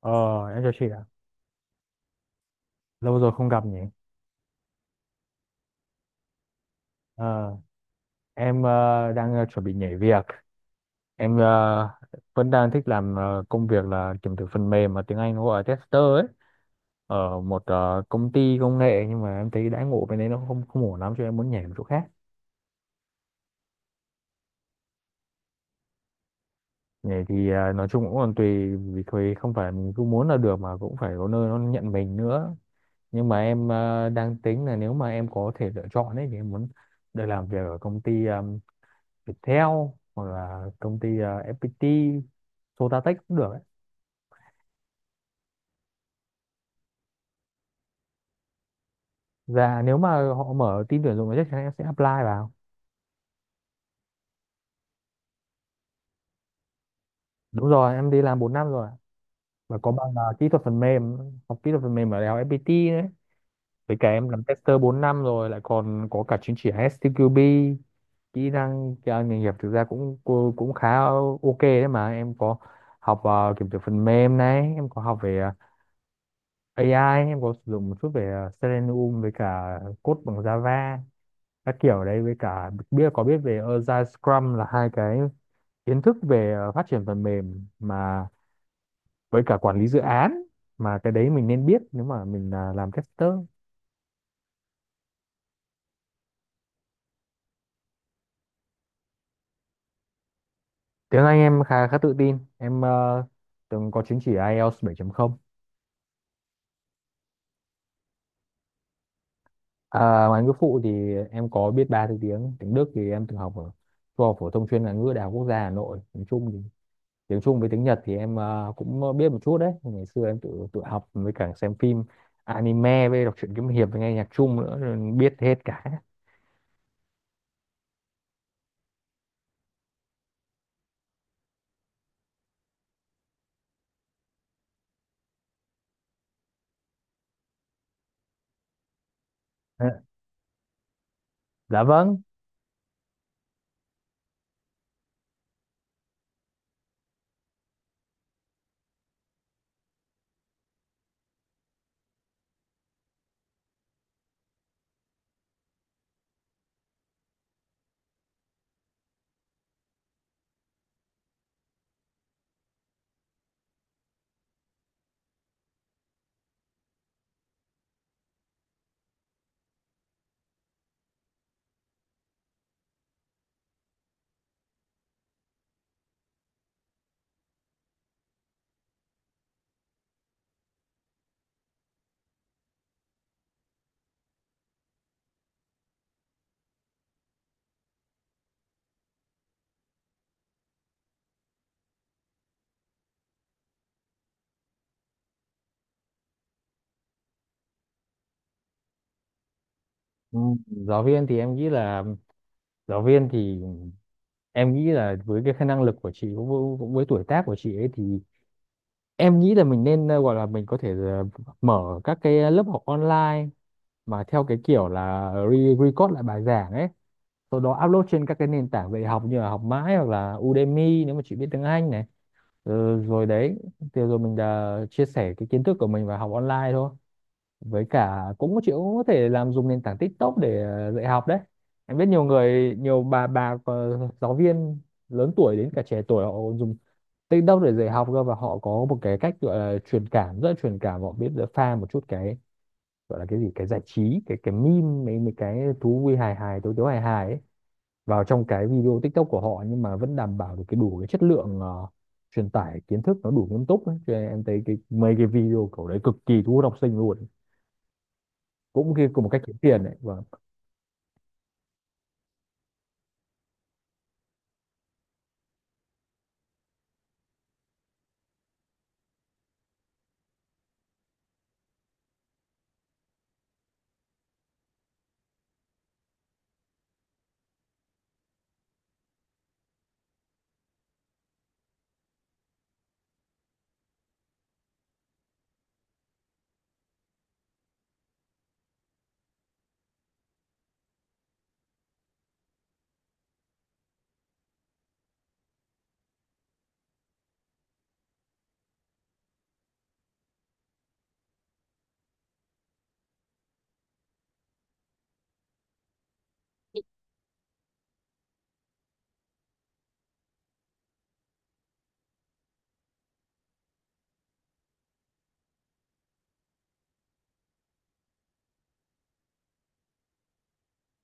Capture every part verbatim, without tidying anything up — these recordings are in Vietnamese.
Ờ, em chào chị ạ. Lâu rồi không gặp nhỉ. Ờ, em ờ, đang ờ, chuẩn bị nhảy việc. Em ờ, vẫn đang thích làm ờ, công việc là kiểm thử phần mềm, mà tiếng Anh nó gọi là tester ấy. Ở một ờ, công ty công nghệ, nhưng mà em thấy đãi ngộ bên đấy nó không không ổn lắm cho em muốn nhảy một chỗ khác. Nhảy thì ờ, nói chung cũng còn tùy, vì thôi không phải mình cứ muốn là được mà cũng phải có nơi nó nhận mình nữa. Nhưng mà em ờ, đang tính là nếu mà em có thể lựa chọn ấy thì em muốn được làm việc ở công ty Viettel hoặc là công ty ờ, ép pê tê, Sotatech cũng được ấy. Và nếu mà họ mở team tuyển dụng thì chắc chắn em sẽ apply vào. Đúng rồi, em đi làm bốn năm rồi ạ. Và có bằng ờ, kỹ thuật phần mềm, học kỹ thuật phần mềm ở Đại học ép pi ti đấy. Với cả em làm tester bốn năm rồi, lại còn có cả chứng chỉ ét tê quy bê, kỹ năng kỹ năng ờ, nghề nghiệp thực ra cũng cũng cũng khá ok đấy mà. Em có học ờ, kiểm duyệt phần mềm này, em có học về ờ, ây ai, em có sử dụng một chút về ờ, Selenium, với cả code bằng Java các kiểu đấy, với cả biết có biết về Agile Scrum, là hai cái kiến thức về ờ, phát triển phần mềm mà với cả quản lý dự án, mà cái đấy mình nên biết nếu mà mình là làm tester. Tiếng Anh em khá khá tự tin, em ờ, từng có chứng chỉ IELTS bảy chấm không. À, ngoại ngữ phụ thì em có biết ba thứ tiếng. Tiếng Đức thì em từng học ở trung học phổ thông chuyên ngoại ngữ Đại học Quốc gia Hà Nội, nói chung thì tiếng Trung với tiếng Nhật thì em ờ, cũng biết một chút đấy, ngày xưa em tự tự học với cả xem phim anime với đọc truyện kiếm hiệp với nghe nhạc Trung nữa rồi biết hết cả. À, dạ vâng. Ừ, giáo viên thì em nghĩ là giáo viên thì em nghĩ là với cái khả năng lực của chị cũng với, cũng với tuổi tác của chị ấy thì em nghĩ là mình nên ờ, gọi là mình có thể ờ, mở các cái lớp học online, mà theo cái kiểu là re record lại bài giảng ấy, sau đó upload trên các cái nền tảng về học như là Học Mãi hoặc là Udemy nếu mà chị biết tiếng Anh này. Ừ, rồi đấy, thì rồi mình đã chia sẻ cái kiến thức của mình và học online thôi. Với cả, cũng chị cũng có thể làm dùng nền tảng TikTok để ờ, dạy học đấy. Em biết nhiều người, nhiều bà bà ờ, giáo viên lớn tuổi đến cả trẻ tuổi họ dùng TikTok để dạy học cơ, và họ có một cái cách gọi là truyền cảm, rất là truyền cảm. Họ biết được pha một chút cái gọi là cái gì, cái giải trí, cái cái meme, mấy mấy cái thú vui hài hài tối tối hài hài ấy vào trong cái video TikTok của họ, nhưng mà vẫn đảm bảo được cái đủ cái chất lượng ờ, truyền tải kiến thức nó đủ nghiêm túc ấy. Cho nên em thấy cái mấy cái video kiểu đấy cực kỳ thu hút học sinh luôn, cũng khi cùng một cách kiếm tiền đấy. Và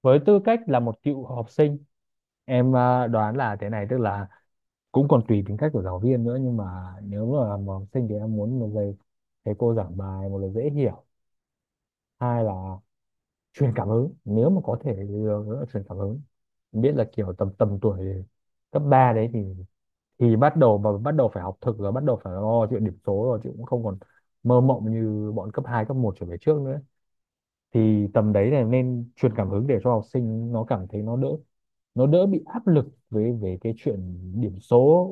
với tư cách là một cựu học sinh, em ờ, đoán là thế này, tức là cũng còn tùy tính cách của giáo viên nữa, nhưng mà nếu mà là học sinh thì em muốn một giây thầy cô giảng bài, một là dễ hiểu, hai là truyền cảm hứng, nếu mà có thể thì ờ, truyền cảm hứng. Em biết là kiểu tầm tầm tuổi cấp ba đấy thì thì bắt đầu, mà bắt đầu phải học thực rồi, bắt đầu phải lo chuyện điểm số rồi, chứ cũng không còn mơ mộng như bọn cấp hai cấp một trở về trước nữa. Thì tầm đấy là nên truyền cảm hứng để cho học sinh nó cảm thấy nó đỡ nó đỡ bị áp lực về về cái chuyện điểm số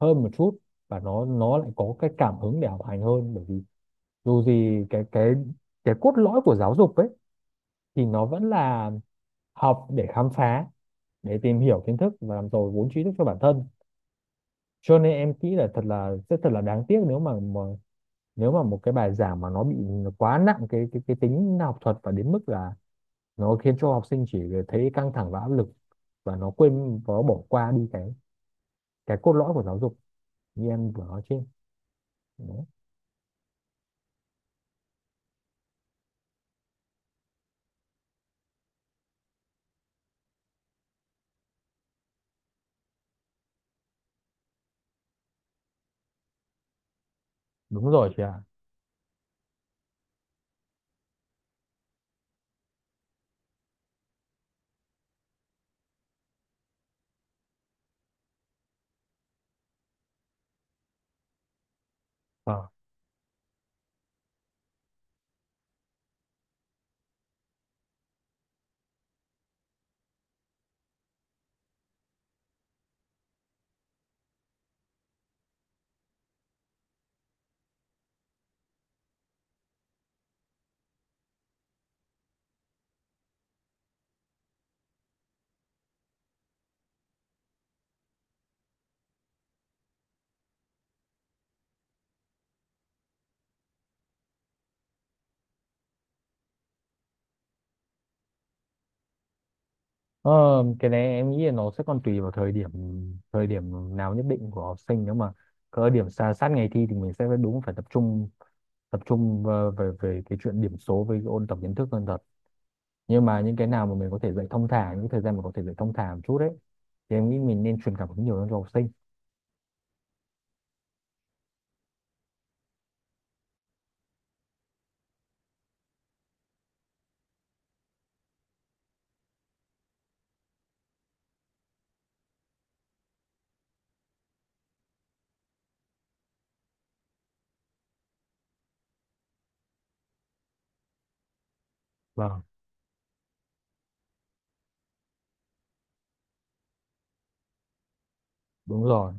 hơn một chút, và nó nó lại có cái cảm hứng để học hành hơn, bởi vì dù gì cái cái cái cốt lõi của giáo dục ấy thì nó vẫn là học để khám phá, để tìm hiểu kiến thức và làm giàu vốn tri thức cho bản thân. Cho nên em nghĩ là thật là sẽ thật là đáng tiếc nếu mà, mà nếu mà một cái bài giảng mà nó bị quá nặng cái cái cái tính học thuật, và đến mức là nó khiến cho học sinh chỉ thấy căng thẳng và áp lực, và nó quên và nó bỏ qua đi cái cái cốt lõi của giáo dục như em vừa nói trên. Đúng, đúng rồi chị ạ. Ờ. Ờ, cái này em nghĩ là nó sẽ còn tùy vào thời điểm thời điểm nào nhất định của học sinh. Nếu mà có điểm xa sát ngày thi thì mình sẽ phải, đúng, phải tập trung tập trung về về, về cái chuyện điểm số với ôn tập kiến thức hơn thật, nhưng mà những cái nào mà mình có thể dạy thông thả, những thời gian mà có thể dạy thông thả một chút đấy, thì em nghĩ mình nên truyền cảm hứng nhiều hơn cho học sinh. Vâng. Đúng rồi.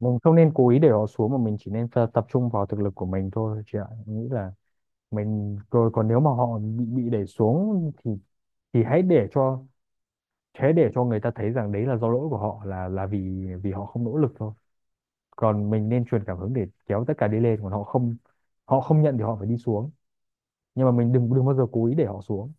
Mình không nên cố ý để họ xuống, mà mình chỉ nên ta- tập trung vào thực lực của mình thôi chị ạ, em nghĩ là mình rồi. Còn nếu mà họ bị bị đẩy xuống thì thì hãy để cho thế, để cho người ta thấy rằng đấy là do lỗi của họ, là là vì vì họ không nỗ lực thôi. Còn mình nên truyền cảm hứng để kéo tất cả đi lên, còn họ không họ không nhận thì họ phải đi xuống, nhưng mà mình đừng đừng bao giờ cố ý để họ xuống.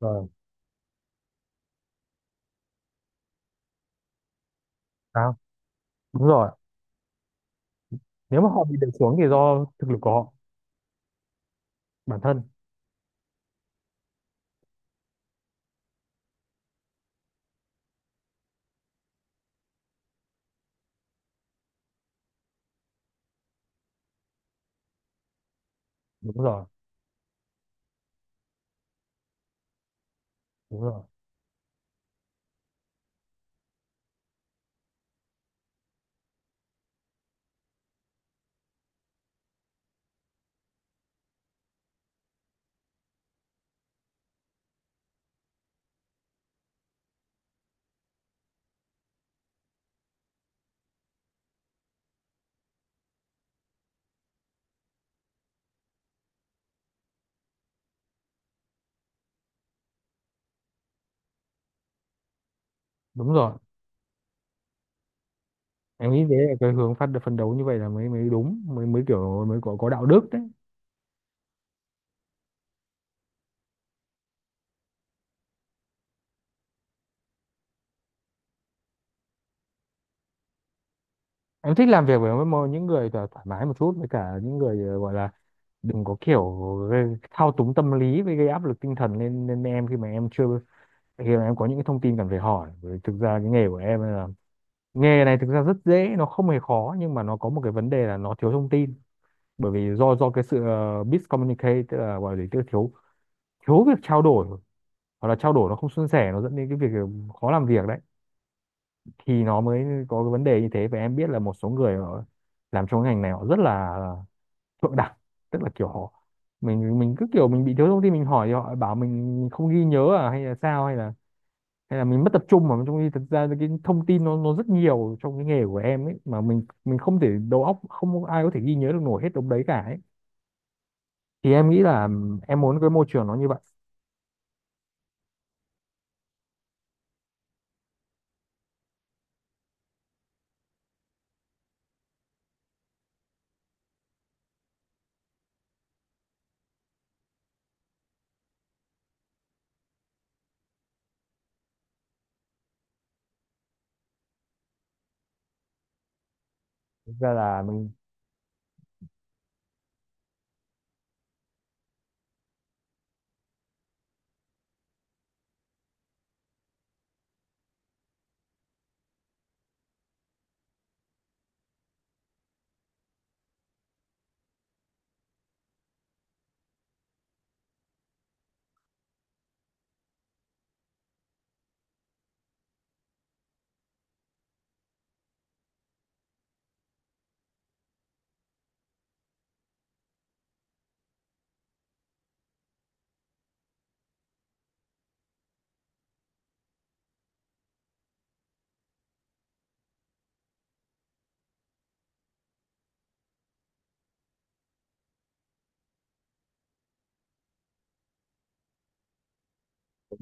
Vâng. Sao? Đúng rồi, nếu mà họ bị đẩy xuống thì do thực lực của họ bản thân. Đúng rồi, đúng rồi, đúng rồi. Em nghĩ thế là cái hướng phát phân đấu như vậy là mới mới đúng, mới mới kiểu mới có có đạo đức đấy. Em thích làm việc với một- những người thoải thoải mái một chút, với cả những người ờ, gọi là đừng có kiểu gây- thao túng tâm lý với gây áp lực tinh thần lên lên em khi mà em chưa, khi mà em có những cái thông tin cần phải hỏi. Bởi thực ra cái nghề của em là, nghề này thực ra rất dễ, nó không hề khó, nhưng mà nó có một cái vấn đề là nó thiếu thông tin, bởi vì do do cái sự uh, miscommunicate, tức là gọi là thiếu thiếu việc trao đổi, hoặc là trao đổi nó không suôn sẻ, nó dẫn đến cái việc khó làm việc đấy, thì nó mới có cái vấn đề như thế. Và em biết là một số người họ làm trong cái ngành này họ rất là thượng đẳng, tức là kiểu họ, mình mình cứ kiểu mình bị thiếu thông tin mình hỏi thì họ bảo mình không ghi nhớ à, hay là sao, hay là hay là mình mất tập trung, mà trong khi thực ra cái thông tin nó nó rất nhiều trong cái nghề của em ấy, mà mình mình không thể, đầu óc không ai có thể ghi nhớ được nổi hết đống đấy cả ấy. Thì em nghĩ là em muốn cái môi trường nó như vậy. Thực ra là mình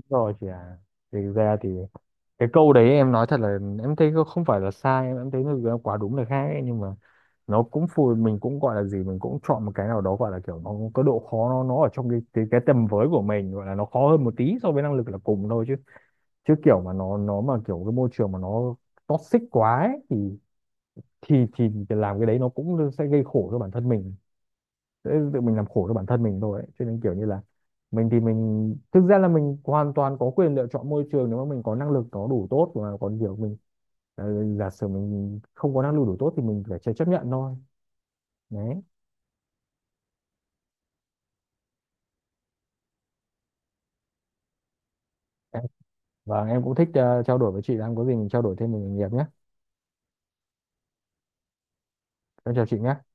rồi chị à. Thì thực ra thì cái câu đấy em nói thật là, em thấy nó không phải là sai, em em thấy nó là quá đúng là khác ấy, nhưng mà nó cũng phù mình cũng gọi là gì, mình cũng chọn một cái nào đó gọi là kiểu nó có độ khó, nó nó ở trong cái cái, cái tầm với của mình, gọi là nó khó hơn một tí so với năng lực là cùng thôi, chứ chứ kiểu mà nó nó mà kiểu cái môi trường mà nó toxic quá ấy, thì thì thì làm cái đấy nó cũng sẽ gây khổ cho bản thân mình, sẽ tự mình làm khổ cho bản thân mình thôi ấy. Cho nên kiểu như là, mình thì mình thực ra là mình hoàn toàn có quyền lựa chọn môi trường nếu mà mình có năng lực nó đủ tốt, mà còn kiểu mình ờ, giả sử mình không có năng lực đủ tốt thì mình phải chấp chấp nhận thôi đấy. Em- và em cũng thích ờ, trao đổi với chị, đang có gì mình trao đổi thêm về nghề nghiệp nhé. Em chào chị nhé.